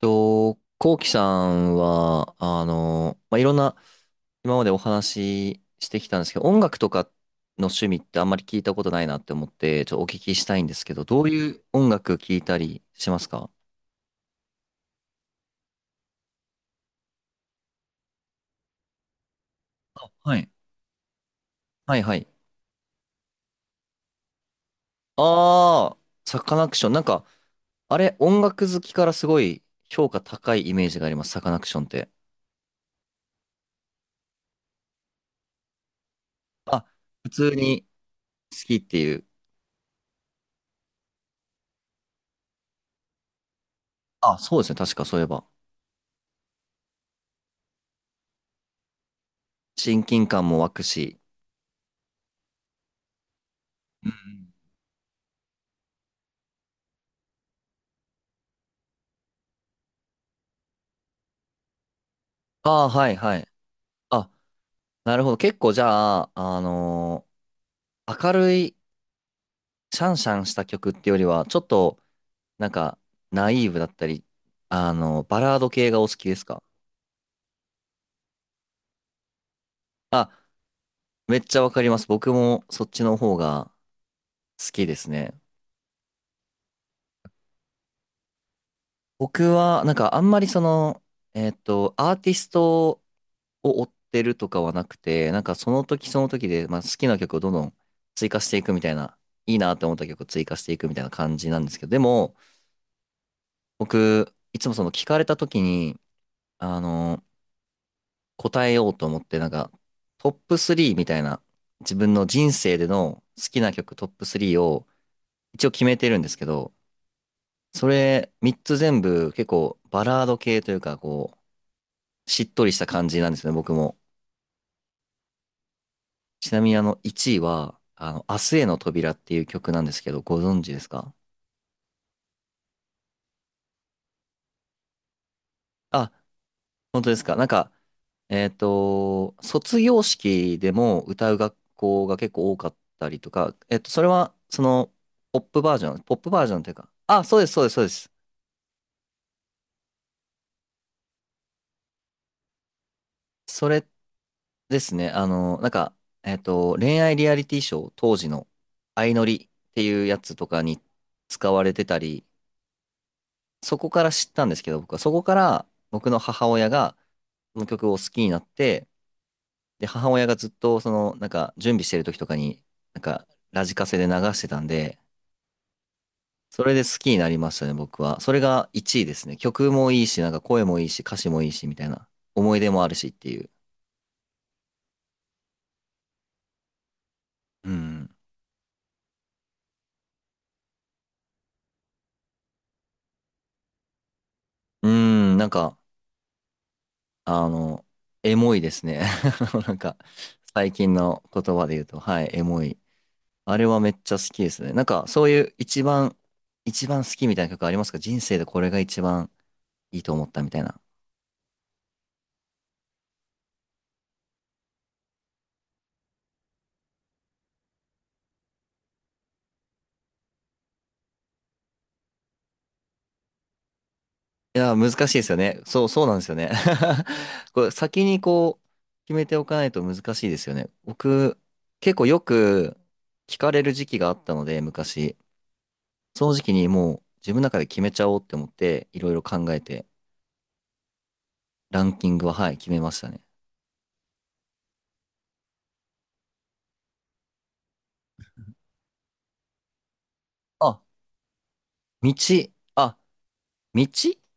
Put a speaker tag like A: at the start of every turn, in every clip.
A: と、こうきさんは、まあ、いろんな、今までお話ししてきたんですけど、音楽とかの趣味ってあんまり聞いたことないなって思って、ちょっとお聞きしたいんですけど、どういう音楽聞いたりしますか？はい。はいはい。ああ、サカナクション。なんか、あれ、音楽好きからすごい評価高いイメージがあります、サカナクションって。あ、普通に好きっていう。あ、そうですね、確かそういえば。親近感も湧くし。うんうん。ああ、はいはい。あ、なるほど。結構じゃあ、明るいシャンシャンした曲ってよりは、ちょっと、なんか、ナイーブだったり、バラード系がお好きですか？あ、めっちゃわかります。僕もそっちの方が好きですね。僕は、なんかあんまりその、アーティストを追ってるとかはなくて、なんかその時その時で、まあ、好きな曲をどんどん追加していくみたいな、いいなって思った曲を追加していくみたいな感じなんですけど、でも、僕、いつもその聞かれた時に、あの、答えようと思って、なんか、トップ3みたいな、自分の人生での好きな曲トップ3を一応決めてるんですけど、それ3つ全部結構バラード系というか、こう、しっとりした感じなんですね、僕も。ちなみにあの1位は、あの、明日への扉っていう曲なんですけど、ご存知ですか？あ、本当ですか？なんか、卒業式でも歌う学校が結構多かったりとか、それは、その、ポップバージョンというか、あ、そうです、そうです、そうです。それですね、なんか、恋愛リアリティショー、当時の、相乗りっていうやつとかに使われてたり、そこから知ったんですけど、僕は、そこから、僕の母親が、この曲を好きになって、で、母親がずっと、その、なんか、準備してる時とかに、なんか、ラジカセで流してたんで、それで好きになりましたね、僕は。それが1位ですね。曲もいいし、なんか声もいいし、歌詞もいいし、みたいな。思い出もあるしっていう。うん。うん、なんか、あの、エモいですね。なんか、最近の言葉で言うと、はい、エモい。あれはめっちゃ好きですね。なんか、そういう一番、一番好きみたいな曲ありますか？人生でこれが一番いいと思ったみたいな。いや、難しいですよね。そう、そうなんですよね。これ先にこう、決めておかないと難しいですよね。僕、結構よく聞かれる時期があったので、昔。その時期にもう自分の中で決めちゃおうって思って、いろいろ考えて、ランキングは、はい、決めましたね。あ、道、あ、道、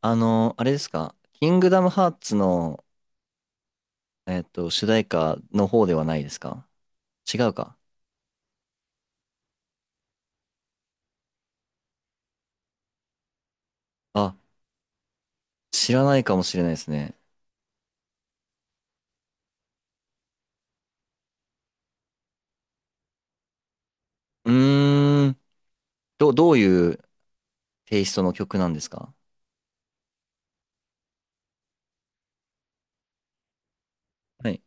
A: あれですか？キングダムハーツの、主題歌の方ではないですか？違うか。あ、知らないかもしれないですね。うーん。どういうテイストの曲なんですか？はい。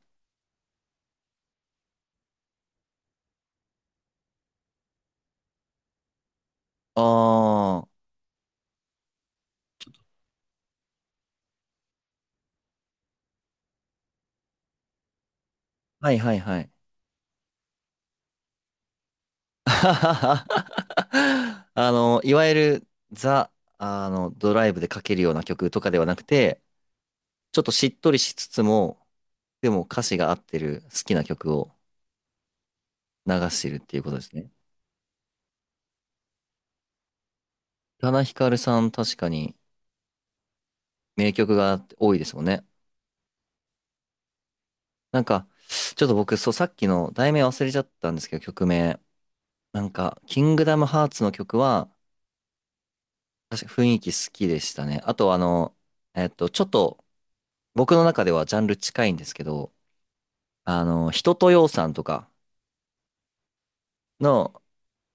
A: ああ、はいはいはい。いわゆるザ、あの、ドライブでかけるような曲とかではなくて、ちょっとしっとりしつつも、でも歌詞が合ってる好きな曲を流してるっていうことですね。宇多田ヒカルさん確かに名曲が多いですもんね。なんか、ちょっと僕、そう、さっきの題名忘れちゃったんですけど、曲名。なんか、キングダムハーツの曲は、確か雰囲気好きでしたね。あとあの、ちょっと僕の中ではジャンル近いんですけど、あの、人とようさんとかの、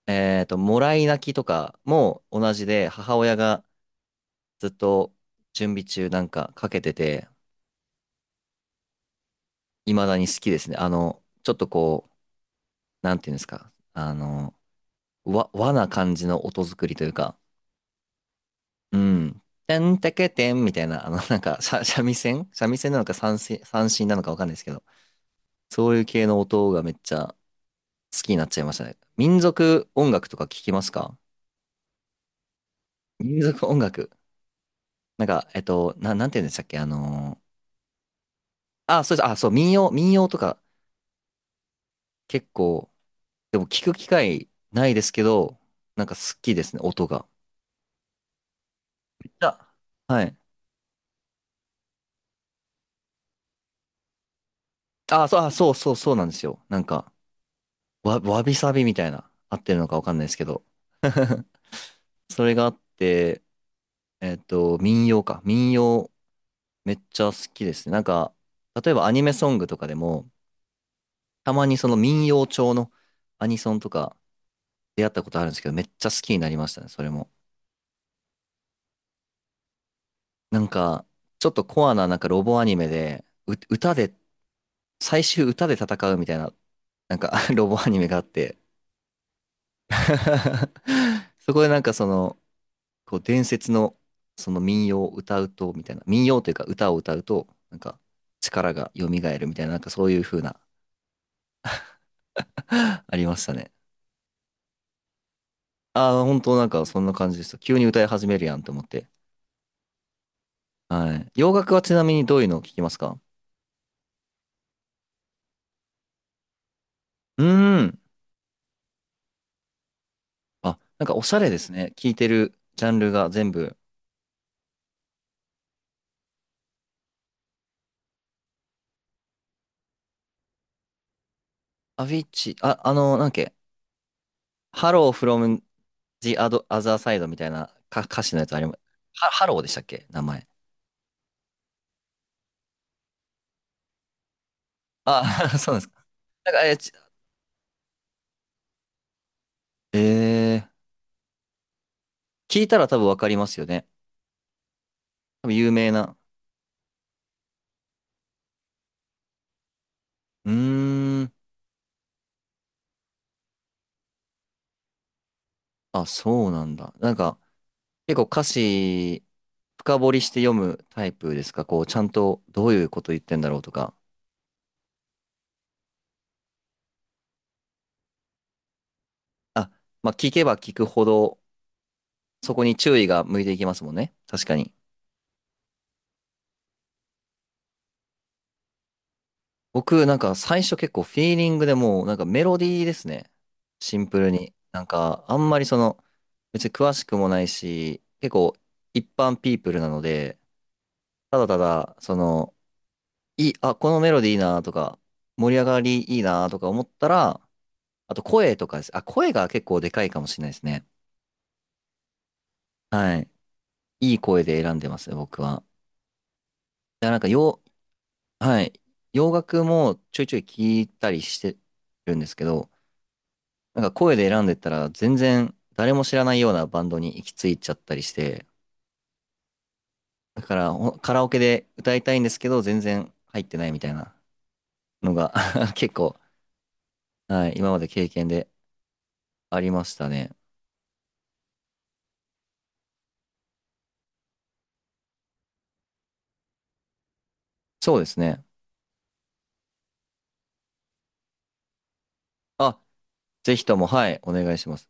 A: もらい泣きとかも同じで、母親がずっと準備中なんかかけてて、未だに好きですね。あの、ちょっとこう、なんていうんですか、あの、和な感じの音作りというか、うん。てんてけてんみたいな、あの、なんか、三味線なのか三線なのかわかんないですけど、そういう系の音がめっちゃ好きになっちゃいましたね。民族音楽とか聞きますか？民族音楽。なんか、なんて言うんでしたっけ？あ、そうです。あ、そう、民謡とか結構、でも聞く機会ないですけど、なんか好きですね、音が。めっちゃ、はい。あ、そう、あ、そうそう、そうなんですよ。なんか、わびさびみたいな、合ってるのかわかんないですけど、それがあって、民謡か。民謡、めっちゃ好きですね。なんか、例えばアニメソングとかでも、たまにその民謡調のアニソンとか出会ったことあるんですけど、めっちゃ好きになりましたね、それも。なんか、ちょっとコアななんかロボアニメで、歌で、最終歌で戦うみたいな、なんか ロボアニメがあって そこでなんかその、こう伝説のその民謡を歌うと、みたいな、民謡というか歌を歌うと、なんか力が蘇るみたいな、なんかそういう風な ありましたね。ああ、本当なんかそんな感じでした。急に歌い始めるやんと思って。はい。洋楽はちなみにどういうのを聞きますか？うーん。あ、なんかおしゃれですね。聞いてるジャンルが全部。アビッチ、あ、なんだっけ、ハローフロム the other side みたいなか歌詞のやつあります。ハローでしたっけ名前？あ、そうなんですか。なんか、えー、ちえー、聞いたら多分わかりますよね。多分有名な。うーん。あ、そうなんだ。なんか、結構歌詞、深掘りして読むタイプですか？こう、ちゃんとどういうこと言ってんだろうとか。あ、まあ、聞けば聞くほど、そこに注意が向いていきますもんね。確かに。僕、なんか最初結構フィーリングでもう、なんかメロディーですね。シンプルに。なんか、あんまりその、別に詳しくもないし、結構一般ピープルなので、ただただ、その、いい、あ、このメロディーいいなとか、盛り上がりいいなとか思ったら、あと声とかです。あ、声が結構でかいかもしれないですね。はい。いい声で選んでますね、僕は。いや、なんかよ、はい。洋楽もちょいちょい聞いたりしてるんですけど、なんか声で選んでったら全然誰も知らないようなバンドに行き着いちゃったりして、だからカラオケで歌いたいんですけど全然入ってないみたいなのが 結構、はい、今まで経験でありましたね。そうですね。あ、ぜひとも、はい、お願いします。